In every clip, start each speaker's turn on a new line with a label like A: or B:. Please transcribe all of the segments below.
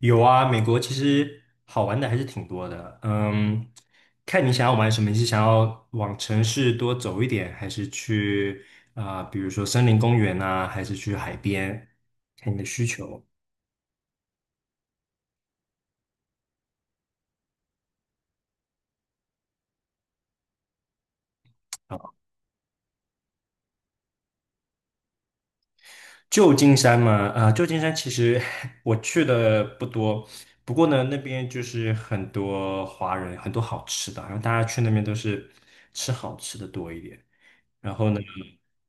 A: 有啊，美国其实好玩的还是挺多的。嗯，看你想要玩什么，你是想要往城市多走一点，还是去比如说森林公园啊，还是去海边？看你的需求。旧金山嘛，啊、旧金山其实 我去的不多，不过呢，那边就是很多华人，很多好吃的，然后大家去那边都是吃好吃的多一点。然后呢，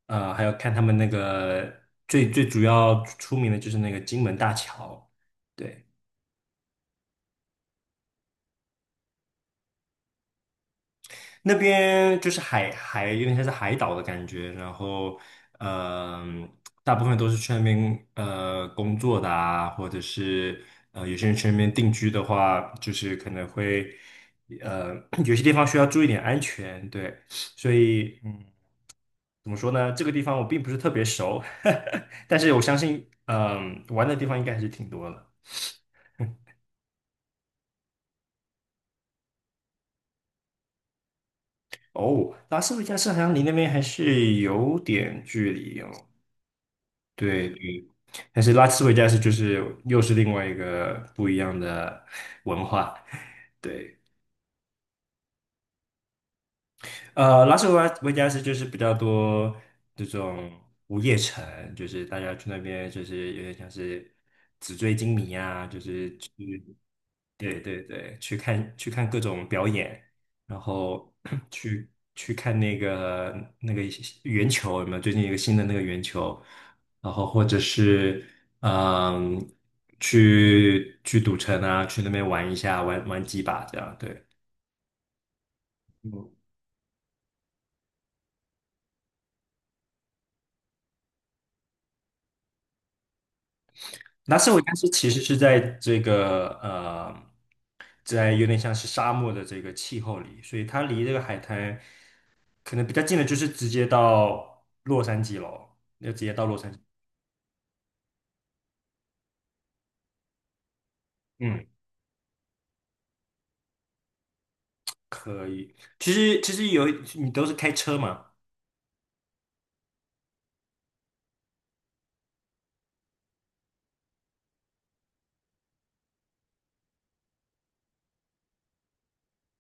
A: 呃，还要看他们那个最主要出名的就是那个金门大桥。对，那边就是海有点像是海岛的感觉。然后嗯、大部分都是去那边工作的啊，或者是有些人去那边定居的话，就是可能会呃 有些地方需要注意点安全，对，所以。嗯。怎么说呢？这个地方我并不是特别熟，但是我相信，嗯，玩的地方应该还是挺多的。哦，拉斯维加斯好像离那边还是有点距离哦。对对，但是拉斯维加斯就是又是另外一个不一样的文化。对。呃，拉斯维加斯就是比较多这种午夜城，就是大家去那边就是有点像是纸醉金迷啊，就是去，对对对，去看各种表演，然后 去看那个那个圆球有没有？最近一个新的那个圆球，然后或者是嗯，去赌城啊，去那边玩一下，玩玩几把这样，对。嗯，拉斯维加斯其实是在这个在有点像是沙漠的这个气候里，所以它离这个海滩可能比较近的，就是直接到洛杉矶咯，要直接到洛杉矶。嗯，可以。其实有你都是开车嘛，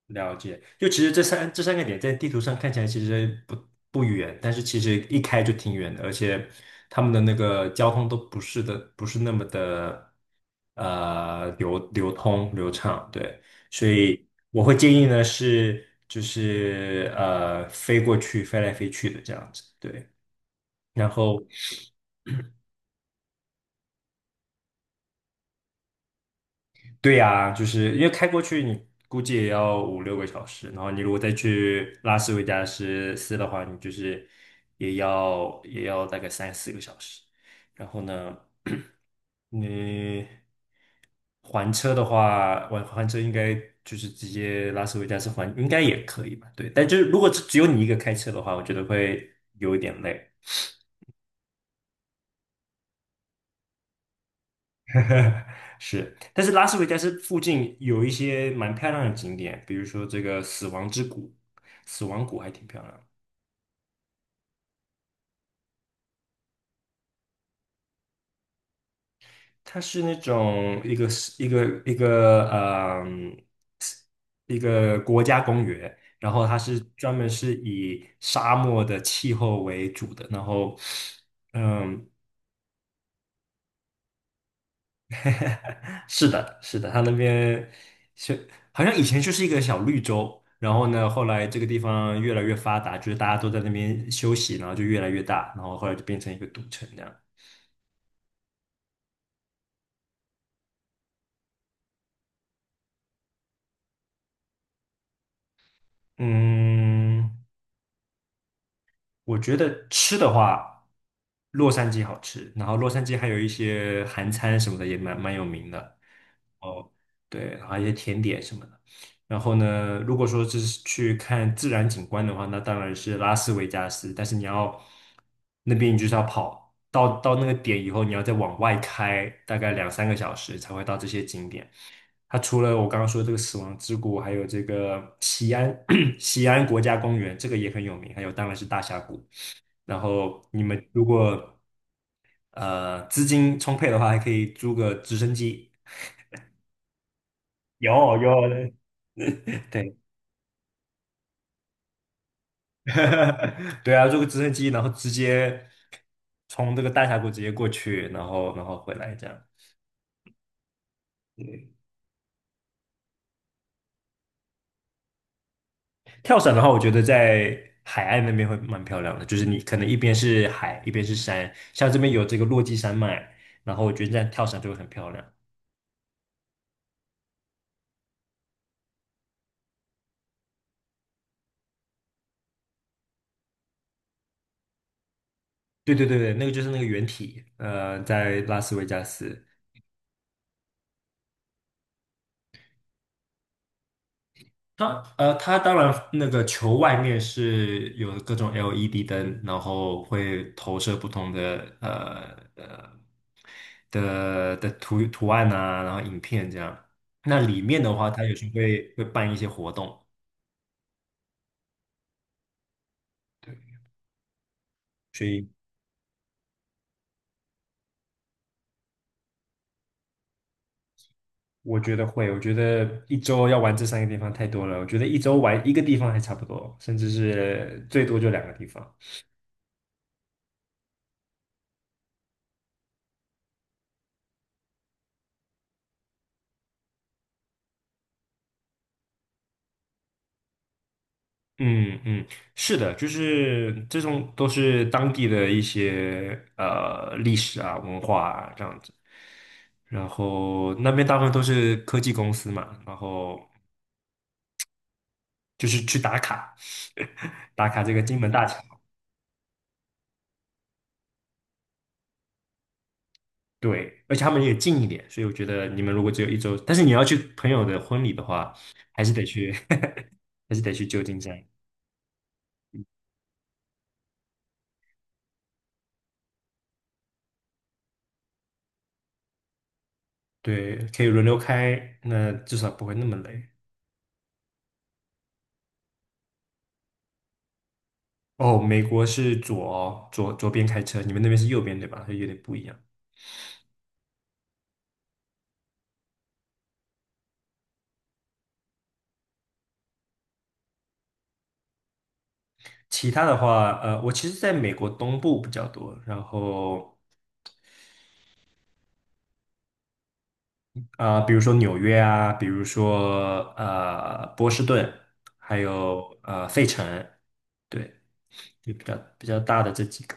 A: 了解。就其实这三个点在地图上看起来其实不远，但是其实一开就挺远的，而且他们的那个交通都不是的，不是那么的。流畅，对，所以我会建议呢是就是呃飞过去飞来飞去的这样子，对，然后对呀、就是因为开过去你估计也要五六个小时，然后你如果再去拉斯维加斯的话，你就是也要大概三四个小时。然后呢，你。还车的话，还车应该就是直接拉斯维加斯还，应该也可以吧？对，但就是如果只有你一个开车的话，我觉得会有一点累。是，但是拉斯维加斯附近有一些蛮漂亮的景点，比如说这个死亡之谷，死亡谷还挺漂亮的。它是那种一个一个嗯一个国家公园，然后它是专门是以沙漠的气候为主的，然后嗯，是的，是的，它那边是好像以前就是一个小绿洲，然后呢，后来这个地方越来越发达，就是大家都在那边休息，然后就越来越大，然后后来就变成一个赌城这样。嗯，我觉得吃的话，洛杉矶好吃，然后洛杉矶还有一些韩餐什么的也蛮有名的。哦，对，还有一些甜点什么的。然后呢，如果说这是去看自然景观的话，那当然是拉斯维加斯。但是你要那边，你就是要跑到那个点以后，你要再往外开大概两三个小时才会到这些景点。它除了我刚刚说这个死亡之谷，还有这个西安 西安国家公园，这个也很有名。还有当然是大峡谷。然后你们如果呃资金充沛的话，还可以租个直升机。有有，对，对啊，坐个直升机，然后直接从这个大峡谷直接过去，然后回来这样。对，跳伞的话，我觉得在海岸那边会蛮漂亮的，就是你可能一边是海，一边是山，像这边有这个落基山脉，然后我觉得这样跳伞就会很漂亮。对对对对，那个就是那个原体，呃，在拉斯维加斯，当呃，它当然那个球外面是有各种 LED 灯，然后会投射不同的的图案啊，然后影片这样。那里面的话，它有时候会办一些活动，对，所以我觉得会，我觉得一周要玩这三个地方太多了，我觉得一周玩一个地方还差不多，甚至是最多就两个地方。嗯嗯，是的，就是这种都是当地的一些呃历史啊、文化啊这样子。然后那边大部分都是科技公司嘛，然后就是去打卡，打卡这个金门大桥。对，而且他们也近一点，所以我觉得你们如果只有一周，但是你要去朋友的婚礼的话，还是得去，还是得去旧金山。对，可以轮流开，那至少不会那么累。哦，美国是左哦左左边开车，你们那边是右边对吧？所以有点不一样。其他的话，呃，我其实在美国东部比较多，然后比如说纽约啊，比如说呃波士顿，还有呃费城，对，就比较大的这几个。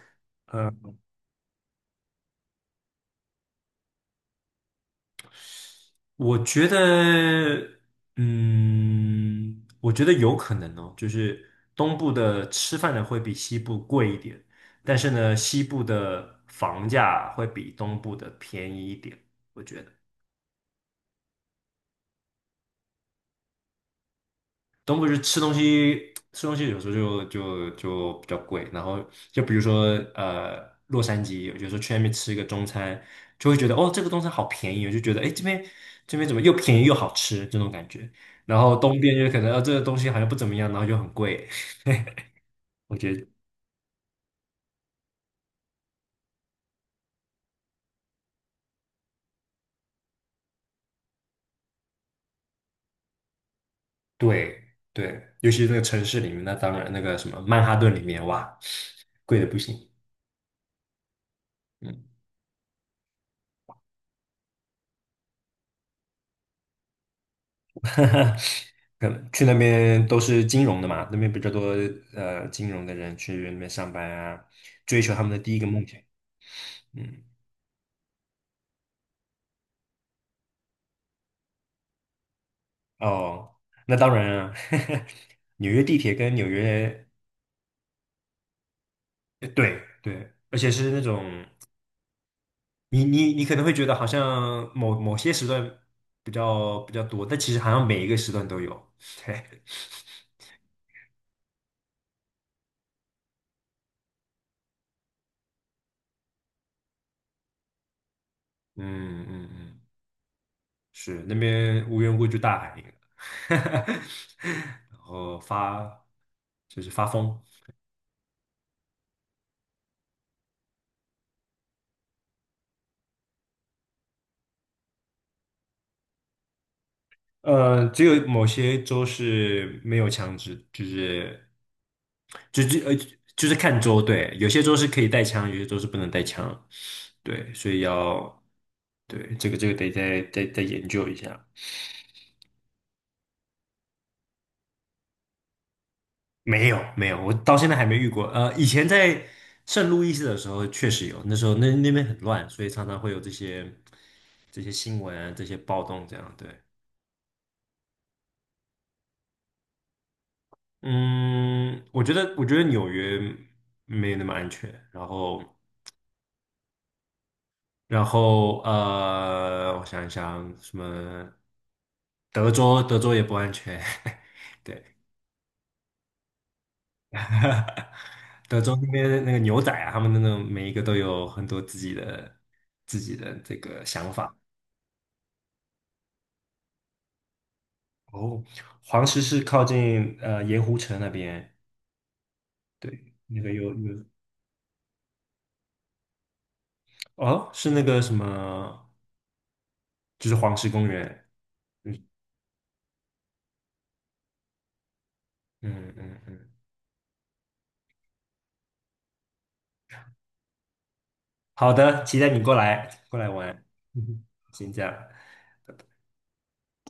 A: 我觉得，嗯，我觉得有可能哦，就是东部的吃饭的会比西部贵一点，但是呢，西部的房价会比东部的便宜一点，我觉得。东部就吃东西，吃东西有时候就比较贵。然后就比如说呃，洛杉矶，有时候去那边吃一个中餐，就会觉得哦，这个中餐好便宜，我就觉得哎，诶这边怎么又便宜又好吃这种感觉。然后东边就可能啊，这个东西好像不怎么样，然后又很贵。我觉得对对，尤其是那个城市里面，那当然那个什么曼哈顿里面，哇，贵的不行。嗯 可能去那边都是金融的嘛，那边比较多呃金融的人去那边上班啊，追求他们的第一个梦想。嗯，哦，那当然啊，纽约地铁跟纽约，呃对对，而且是那种你可能会觉得好像某些时段比较多，但其实好像每一个时段都有。对，嗯嗯嗯，是那边无缘无故就大喊一个，然后发就是发疯。呃，只有某些州是没有枪支，就是就就呃就是看州，对，有些州是可以带枪，有些州是不能带枪，对，所以要对这个这个得再研究一下。没有没有，我到现在还没遇过。呃，以前在圣路易斯的时候确实有，那时候那边很乱，所以常常会有这些新闻啊，这些暴动这样，对。嗯，我觉得，我觉得纽约没有那么安全。然后，然后呃，我想一想，什么德州，德州也不安全，对，德州那边那个牛仔啊，他们那种每一个都有很多自己的这个想法。哦，黄石是靠近呃盐湖城那边，对，那个有有哦，是那个什么，就是黄石公园。嗯嗯嗯嗯，好的，期待你过来玩。嗯哼，先这样。